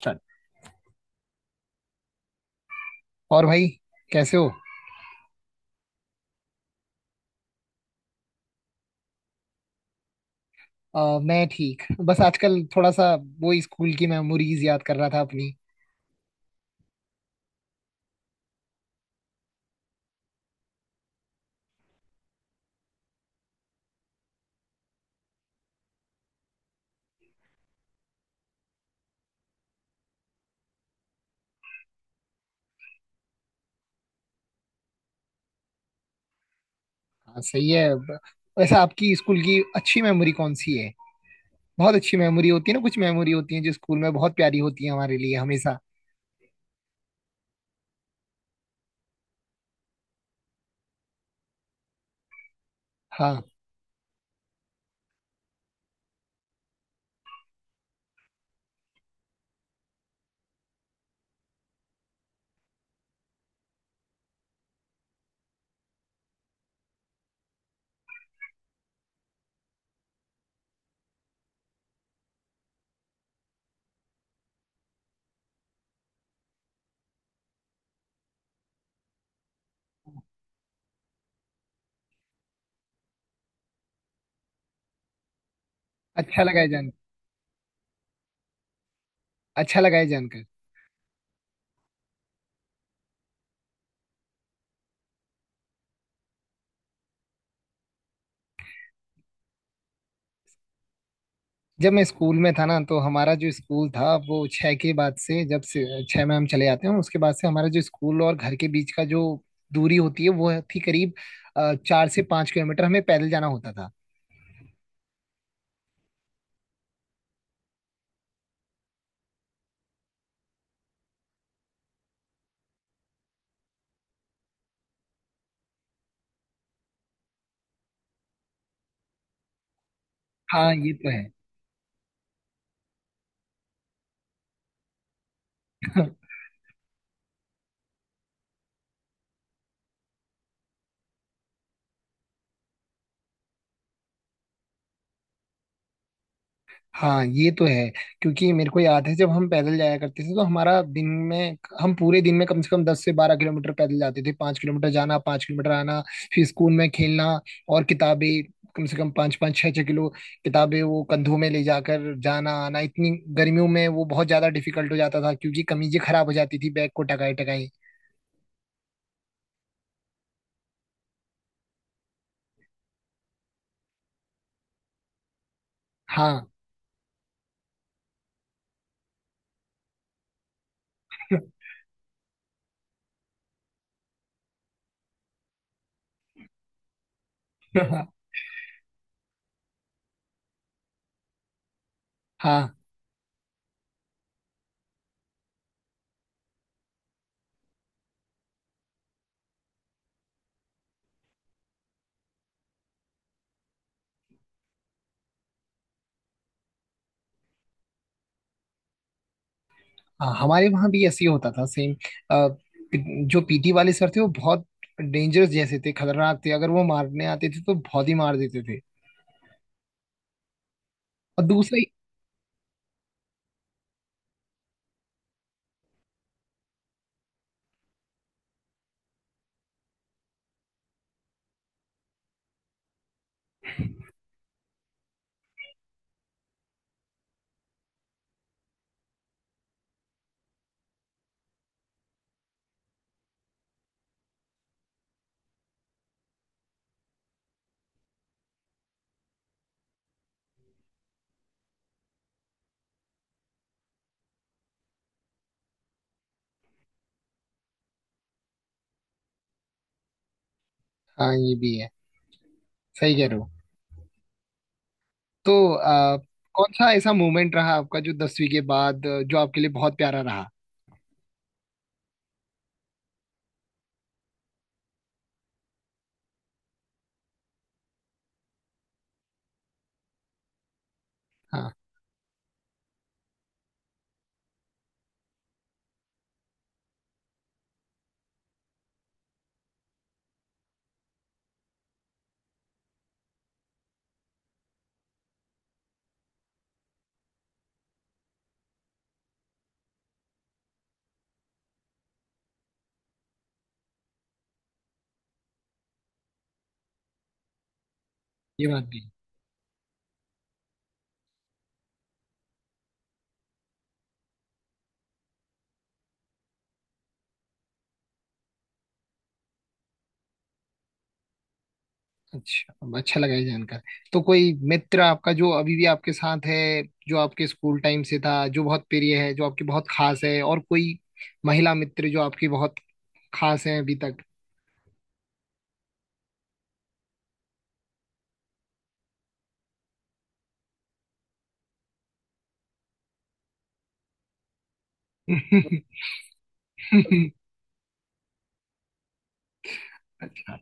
चल और भाई कैसे हो। मैं ठीक बस आजकल थोड़ा सा वो ही स्कूल की मेमोरीज याद कर रहा था अपनी। हाँ सही है वैसे आपकी स्कूल की अच्छी मेमोरी कौन सी है? बहुत अच्छी मेमोरी होती है ना, कुछ मेमोरी होती है जो स्कूल में बहुत प्यारी होती है हमारे लिए हमेशा। हाँ। अच्छा लगा है जान। अच्छा लगा है जान। जब मैं स्कूल में था ना, तो हमारा जो स्कूल था वो छः के बाद से, जब से छः में हम चले जाते हैं उसके बाद से, हमारा जो स्कूल और घर के बीच का जो दूरी होती है वो थी करीब 4 से 5 किलोमीटर, हमें पैदल जाना होता था। हाँ ये तो है। हाँ ये तो है। क्योंकि मेरे को याद है, जब हम पैदल जाया करते थे तो हमारा दिन में, हम पूरे दिन में कम से कम 10 से 12 किलोमीटर पैदल जाते थे। 5 किलोमीटर जाना, 5 किलोमीटर आना, फिर स्कूल में खेलना। और किताबें कम से कम पाँच पाँच छः छः किलो किताबें वो कंधों में ले जाकर जाना आना, इतनी गर्मियों में वो बहुत ज्यादा डिफिकल्ट हो जाता था, क्योंकि कमीजें खराब हो जाती थी बैग को टकाई टकाई। हाँ हाँ। हाँ हमारे वहाँ भी ऐसे ही होता था, सेम। जो पीटी वाले सर थे वो बहुत डेंजरस जैसे थे, खतरनाक थे, अगर वो मारने आते थे तो बहुत ही मार देते थे। और दूसरा, हाँ ये भी है, सही कह रहे हो। तो कौन सा ऐसा मोमेंट रहा आपका जो दसवीं के बाद, जो आपके लिए बहुत प्यारा रहा? हाँ ये बात भी है। अच्छा, अच्छा लगा ये जानकर। तो कोई मित्र आपका जो अभी भी आपके साथ है, जो आपके स्कूल टाइम से था, जो बहुत प्रिय है, जो आपकी बहुत खास है? और कोई महिला मित्र जो आपकी बहुत खास है अभी तक? अच्छा।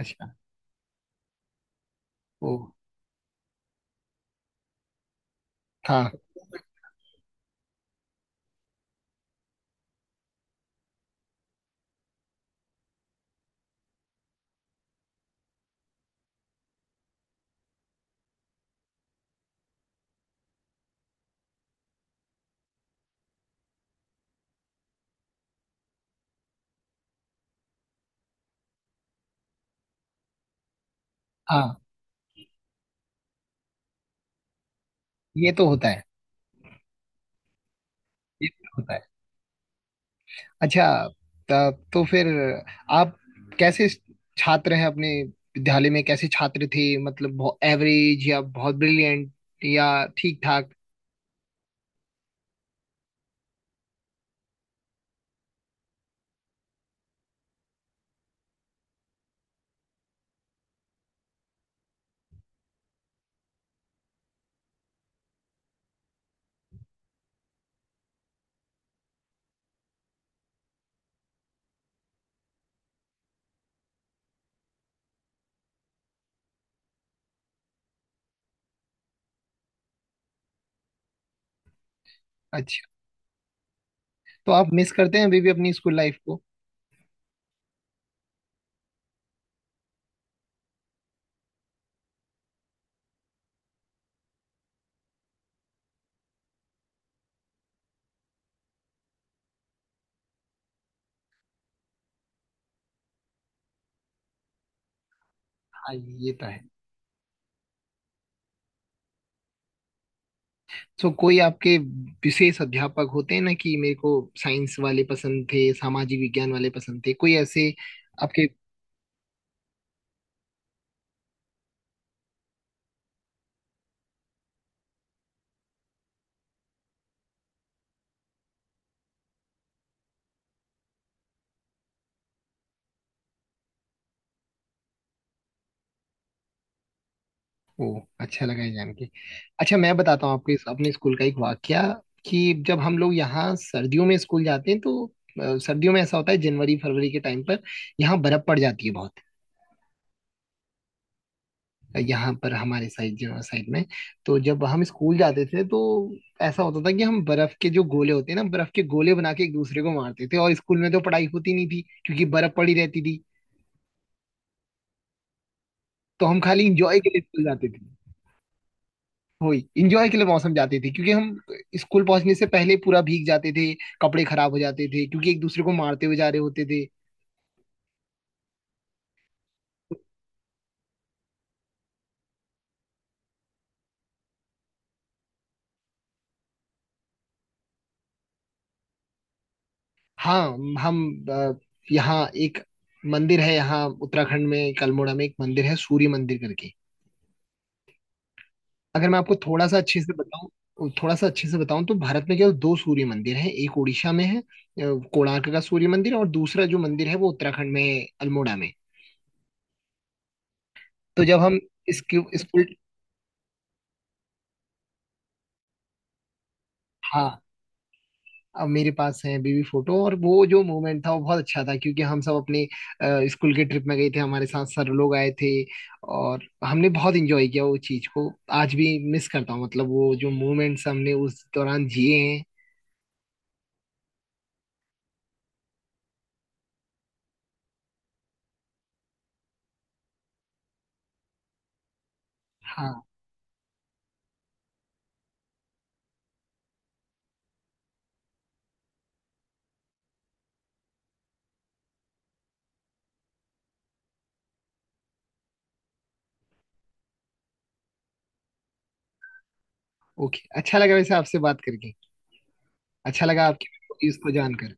अच्छा। ओ। हाँ। हाँ ये तो होता है। ये तो होता है। अच्छा। तब तो फिर आप कैसे छात्र हैं अपने विद्यालय में, कैसे छात्र थे? मतलब एवरेज या बहुत ब्रिलियंट, या ठीक ठाक? अच्छा। तो आप मिस करते हैं अभी भी अपनी स्कूल लाइफ को? हाँ ये तो है। सो कोई आपके विशेष अध्यापक होते हैं ना, कि मेरे को साइंस वाले पसंद थे, सामाजिक विज्ञान वाले पसंद थे, कोई ऐसे आपके? ओ, अच्छा लगा ये जान के। अच्छा, मैं बताता हूँ आपको इस अपने स्कूल का एक वाकया कि जब हम लोग यहाँ सर्दियों में स्कूल जाते हैं, तो सर्दियों में ऐसा होता है, जनवरी फरवरी के टाइम पर यहाँ बर्फ पड़ जाती है बहुत। यहाँ पर हमारे साइड साइड में। तो जब हम स्कूल जाते थे तो ऐसा होता था कि हम बर्फ के जो गोले होते हैं ना, बर्फ के गोले बना के एक दूसरे को मारते थे। और स्कूल में तो पढ़ाई होती नहीं थी, क्योंकि बर्फ पड़ी रहती थी। तो हम खाली इंजॉय के लिए स्कूल जाते थे। वही इंजॉय के लिए मौसम जाते थे, क्योंकि हम स्कूल पहुंचने से पहले पूरा भीग जाते थे, कपड़े खराब हो जाते थे, क्योंकि एक दूसरे को मारते हुए जा रहे होते थे। हाँ, हम यहाँ एक मंदिर है, यहाँ उत्तराखंड में अल्मोड़ा में एक मंदिर है सूर्य मंदिर करके। अगर मैं आपको थोड़ा सा अच्छे से बताऊं, थोड़ा सा अच्छे से बताऊं, तो भारत में केवल दो सूर्य मंदिर हैं। एक उड़ीसा में है, कोणार्क का सूर्य मंदिर, और दूसरा जो मंदिर है वो उत्तराखंड में है, अल्मोड़ा में। तो जब हम इसके स्कूल, हाँ, अब मेरे पास है बेबी फोटो, और वो जो मोमेंट था वो बहुत अच्छा था, क्योंकि हम सब अपने स्कूल के ट्रिप में गए थे, हमारे साथ सर लोग आए थे, और हमने बहुत एंजॉय किया वो चीज को। आज भी मिस करता हूँ, मतलब वो जो मोमेंट्स हमने उस दौरान जिए हैं। हाँ। ओके, अच्छा लगा वैसे आपसे बात करके। अच्छा लगा आपकी इसको जानकर।